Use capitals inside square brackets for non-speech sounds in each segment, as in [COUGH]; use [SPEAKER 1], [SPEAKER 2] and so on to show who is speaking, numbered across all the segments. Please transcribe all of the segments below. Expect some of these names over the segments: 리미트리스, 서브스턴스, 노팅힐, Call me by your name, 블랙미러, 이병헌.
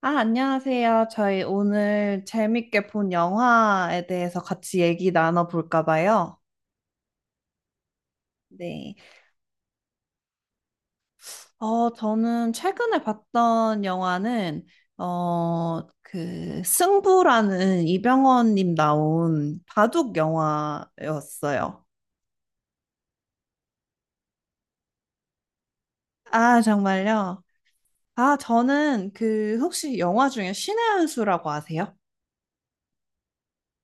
[SPEAKER 1] 아, 안녕하세요. 저희 오늘 재밌게 본 영화에 대해서 같이 얘기 나눠볼까 봐요. 네. 저는 최근에 봤던 영화는, 승부라는 이병헌님 나온 바둑 영화였어요. 아, 정말요? 아, 저는 그, 혹시 영화 중에 신의 한 수라고 아세요?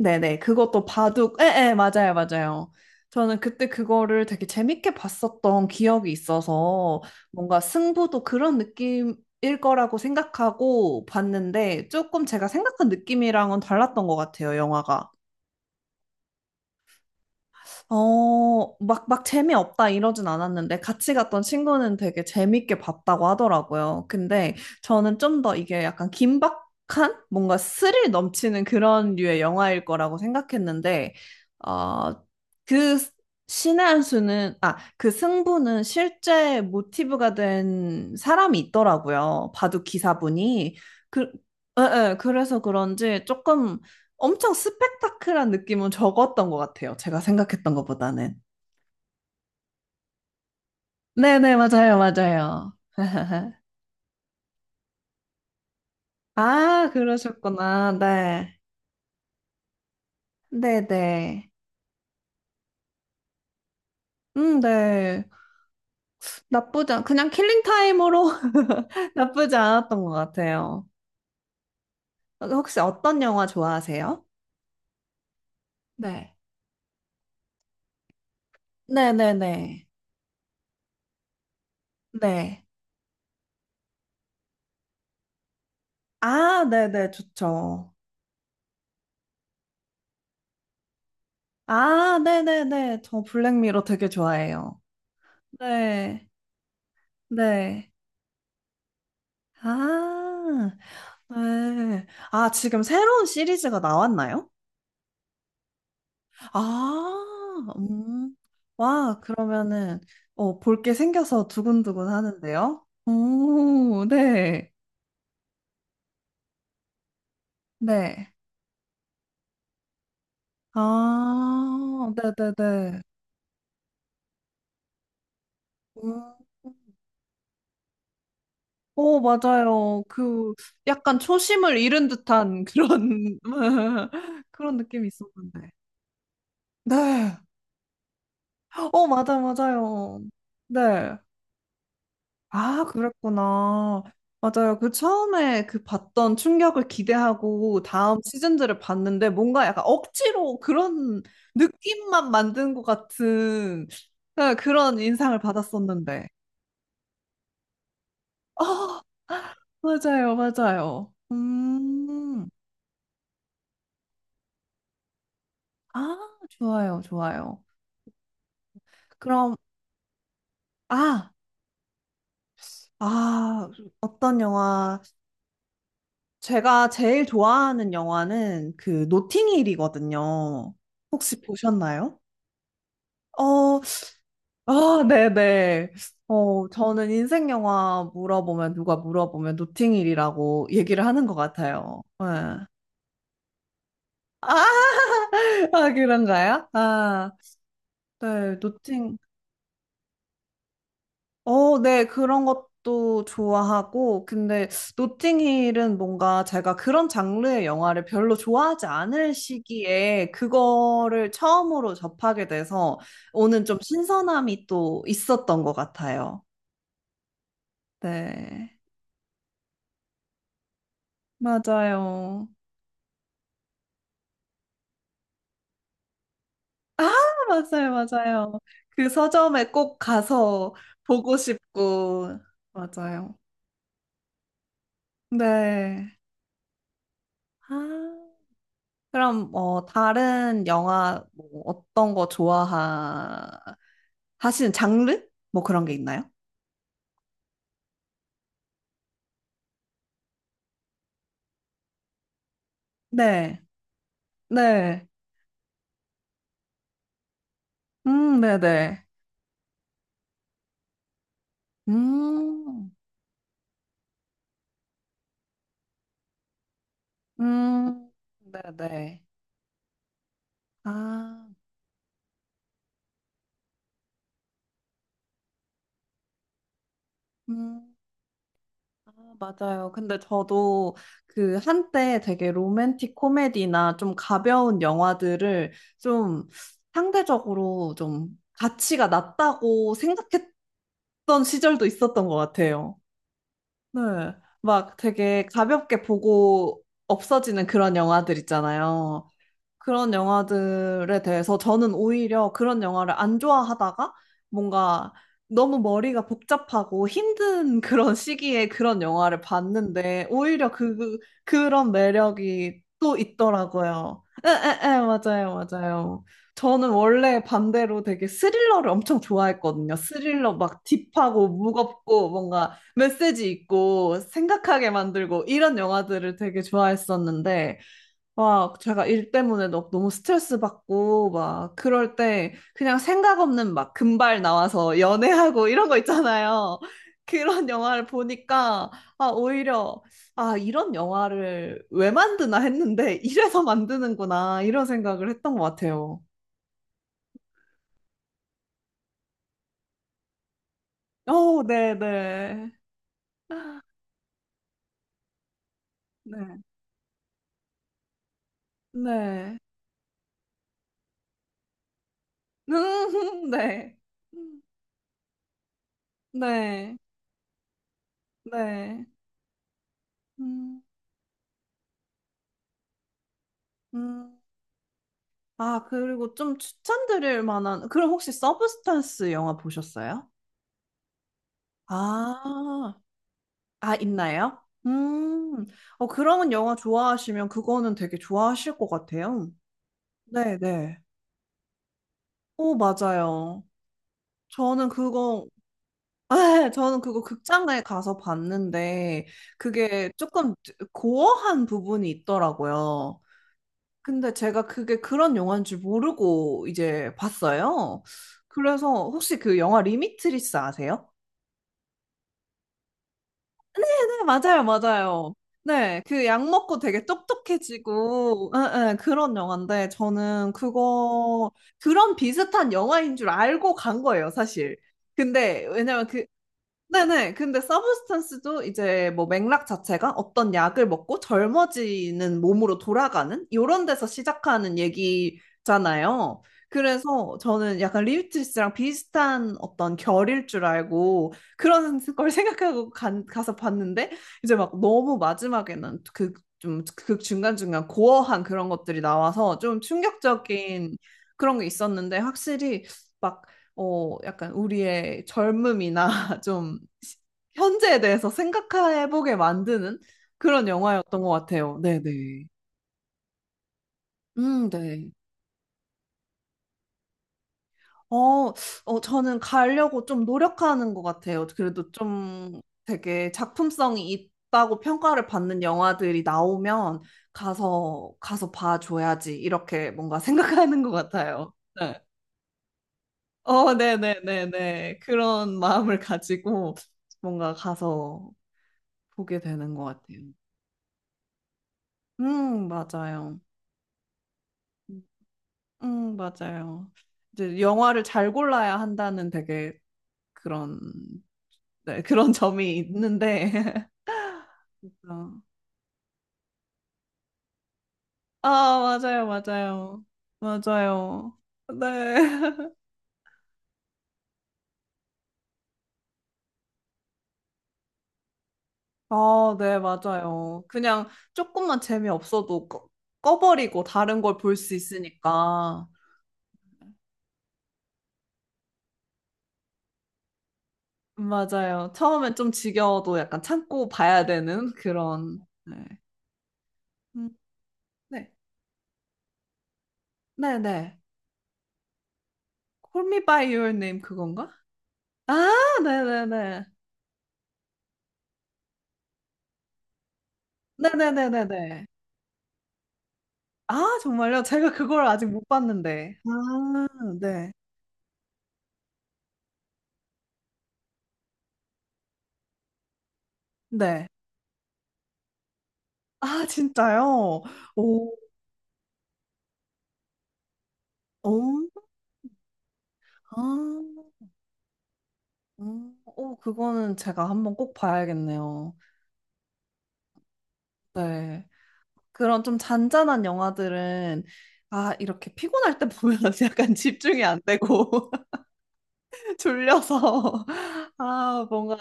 [SPEAKER 1] 네네, 그것도 바둑, 맞아요, 맞아요. 저는 그때 그거를 되게 재밌게 봤었던 기억이 있어서 뭔가 승부도 그런 느낌일 거라고 생각하고 봤는데 조금 제가 생각한 느낌이랑은 달랐던 것 같아요, 영화가. 막 재미없다 이러진 않았는데 같이 갔던 친구는 되게 재밌게 봤다고 하더라고요. 근데 저는 좀 더 이게 약간 긴박한 뭔가 스릴 넘치는 그런 류의 영화일 거라고 생각했는데, 어, 그 신의 한 수는, 아, 그 승부는 실제 모티브가 된 사람이 있더라고요. 바둑 기사분이. 그, 예, 예, 그래서 그런지 조금 엄청 스펙타클한 느낌은 적었던 것 같아요. 제가 생각했던 것보다는. 네네, 맞아요, 맞아요. [LAUGHS] 아, 그러셨구나. 네. 네네. 네. 그냥 킬링 타임으로 [LAUGHS] 나쁘지 않았던 것 같아요. 혹시 어떤 영화 좋아하세요? 네. 네네네. 네. 아, 네네, 좋죠. 아, 네네네. 저 블랙미러 되게 좋아해요. 네. 네. 아. 네. 아, 지금 새로운 시리즈가 나왔나요? 아, 음. 와, 그러면은, 볼 게 생겨서 두근두근 하는데요? 오, 네. 네. 아, 네네네. 음. 오, 맞아요. 그, 약간 초심을 잃은 듯한 그런, [LAUGHS] 그런 느낌이 있었는데. 네. 맞아요. 네. 아, 그랬구나. 맞아요. 그 처음에 그 봤던 충격을 기대하고 다음 시즌들을 봤는데 뭔가 약간 억지로 그런 느낌만 만든 것 같은 네, 그런 인상을 받았었는데. 아, 맞아요. 맞아요. 음. 아, 좋아요. 좋아요. 그럼, 아, 아, 어떤 영화. 제가 제일 좋아하는 영화는 그 노팅힐이거든요. 혹시 보셨나요? 어, 아, 네네. 어, 저는 인생 영화 물어보면, 누가 물어보면 노팅힐이라고 얘기를 하는 것 같아요. 네. 아, 아, 그런가요? 아, 네, 노팅. 어, 네, 그런 것도 좋아하고, 근데 노팅힐은 뭔가 제가 그런 장르의 영화를 별로 좋아하지 않을 시기에 그거를 처음으로 접하게 돼서 오는 좀 신선함이 또 있었던 것 같아요. 네, 맞아요. 맞아요, 맞아요. 그 서점에 꼭 가서 보고 싶고, 맞아요. 네. 아, 그럼 뭐 다른 영화 뭐 어떤 거 좋아하시는 장르? 뭐 그런 게 있나요? 네, 네. 네, 네. 음, 음, 네, 네. 아, 음. 아, 맞아요. 근데 저도 그 한때 되게 로맨틱 코미디나 좀 가벼운 영화들을 좀 상대적으로 좀 가치가 낮다고 생각했던 시절도 있었던 것 같아요. 네. 막 되게 가볍게 보고 없어지는 그런 영화들 있잖아요. 그런 영화들에 대해서 저는 오히려 그런 영화를 안 좋아하다가 뭔가 너무 머리가 복잡하고 힘든 [LAUGHS] 그런 시기에 그런 영화를 봤는데 오히려 그런 매력이 또 있더라고요. 에에에 맞아요 맞아요. 저는 원래 반대로 되게 스릴러를 엄청 좋아했거든요. 스릴러 막 딥하고 무겁고 뭔가 메시지 있고 생각하게 만들고 이런 영화들을 되게 좋아했었는데 와, 제가 일 때문에 너무 스트레스 받고, 막, 그럴 때, 그냥 생각 없는 막 금발 나와서 연애하고 [LAUGHS] 이런 거 있잖아요. 그런 영화를 보니까, 아, 오히려, 아, 이런 영화를 왜 만드나 했는데, [LAUGHS] 이래서 만드는구나, 이런 생각을 했던 것 같아요. 어, 네네. 네. 네. 음, [LAUGHS] 네. 네. 네. 음, 음. 아, 그리고 좀 추천드릴 만한, 그럼 혹시 서브스탄스 영화 보셨어요? 아, 아, 있나요? 음, 어, 그런 영화 좋아하시면 그거는 되게 좋아하실 것 같아요. 네네. 오, 맞아요. 저는 그거, [LAUGHS] 저는 그거 극장에 가서 봤는데, 그게 조금 고어한 부분이 있더라고요. 근데 제가 그게 그런 영화인 줄 모르고 이제 봤어요. 그래서 혹시 그 영화 리미트리스 아세요? 네, 네, 맞아요, 맞아요. 네, 그 약 먹고 되게 똑똑해지고, 그런 영화인데, 그런 비슷한 영화인 줄 알고 간 거예요, 사실. 근데, 왜냐면 그, 네네. 근데 서브스턴스도 이제 뭐 맥락 자체가 어떤 약을 먹고 젊어지는 몸으로 돌아가는 이런 데서 시작하는 얘기잖아요. 그래서 저는 약간 리우트리스랑 비슷한 어떤 결일 줄 알고 그런 [LAUGHS] 걸 생각하고 가서 봤는데 이제 막 너무 마지막에는 좀 그 중간중간 고어한 그런 것들이 나와서 좀 충격적인 그런 게 있었는데 확실히 막 약간 우리의 젊음이나 [LAUGHS] 좀 시- 현재에 대해서 생각해보게 만드는 그런 영화였던 것 같아요. 네네. 네. 어, 저는 가려고 좀 노력하는 것 같아요. 그래도 좀 되게 작품성이 있다고 평가를 받는 영화들이 나오면 가서 봐줘야지. 이렇게 뭔가 [LAUGHS] 생각하는 것 같아요. 네. 네네네네. 그런 마음을 가지고 뭔가 가서 보게 되는 것 같아요. 맞아요. 맞아요. 이제 영화를 잘 골라야 한다는 되게 그런, 네, 그런 [LAUGHS] 점이 있는데. [LAUGHS] 진짜. 아, 맞아요, 맞아요. 맞아요. 네. [LAUGHS] 아, 네, 맞아요. 그냥 조금만 재미없어도 꺼버리고 다른 걸 볼 수 있으니까. 맞아요. 처음엔 좀 지겨워도 약간 참고 봐야 되는 그런, 네. 음, 네. 네네. Call me by your name 그건가? 아, 네네네. 네네네네네. 아, 정말요? 제가 그걸 아직 못 봤는데. 아, 네. 네. 아, 진짜요? 오. 오. 아. 음. 오, 그거는 제가 한번 꼭 봐야겠네요. 네. 그런 좀 잔잔한 영화들은 아, 이렇게 피곤할 때 보면 [LAUGHS] 약간 집중이 안 되고 졸려서 [LAUGHS] 아, 뭔가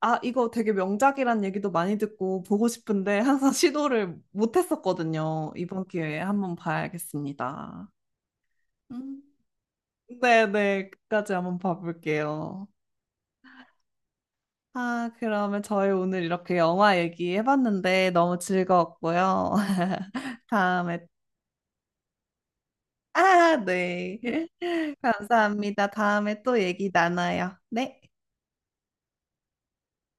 [SPEAKER 1] 아, 이거 되게 명작이란 얘기도 많이 듣고 보고 싶은데 항상 [LAUGHS] 시도를 못 했었거든요. 이번 기회에 한번 봐야겠습니다. 음. 네네, 끝까지 한번 봐볼게요. 아, 그러면 저희 오늘 이렇게 영화 얘기해봤는데 너무 즐거웠고요. [LAUGHS] 다음에 아, 네. [LAUGHS] 감사합니다. 다음에 또 얘기 나눠요. 네.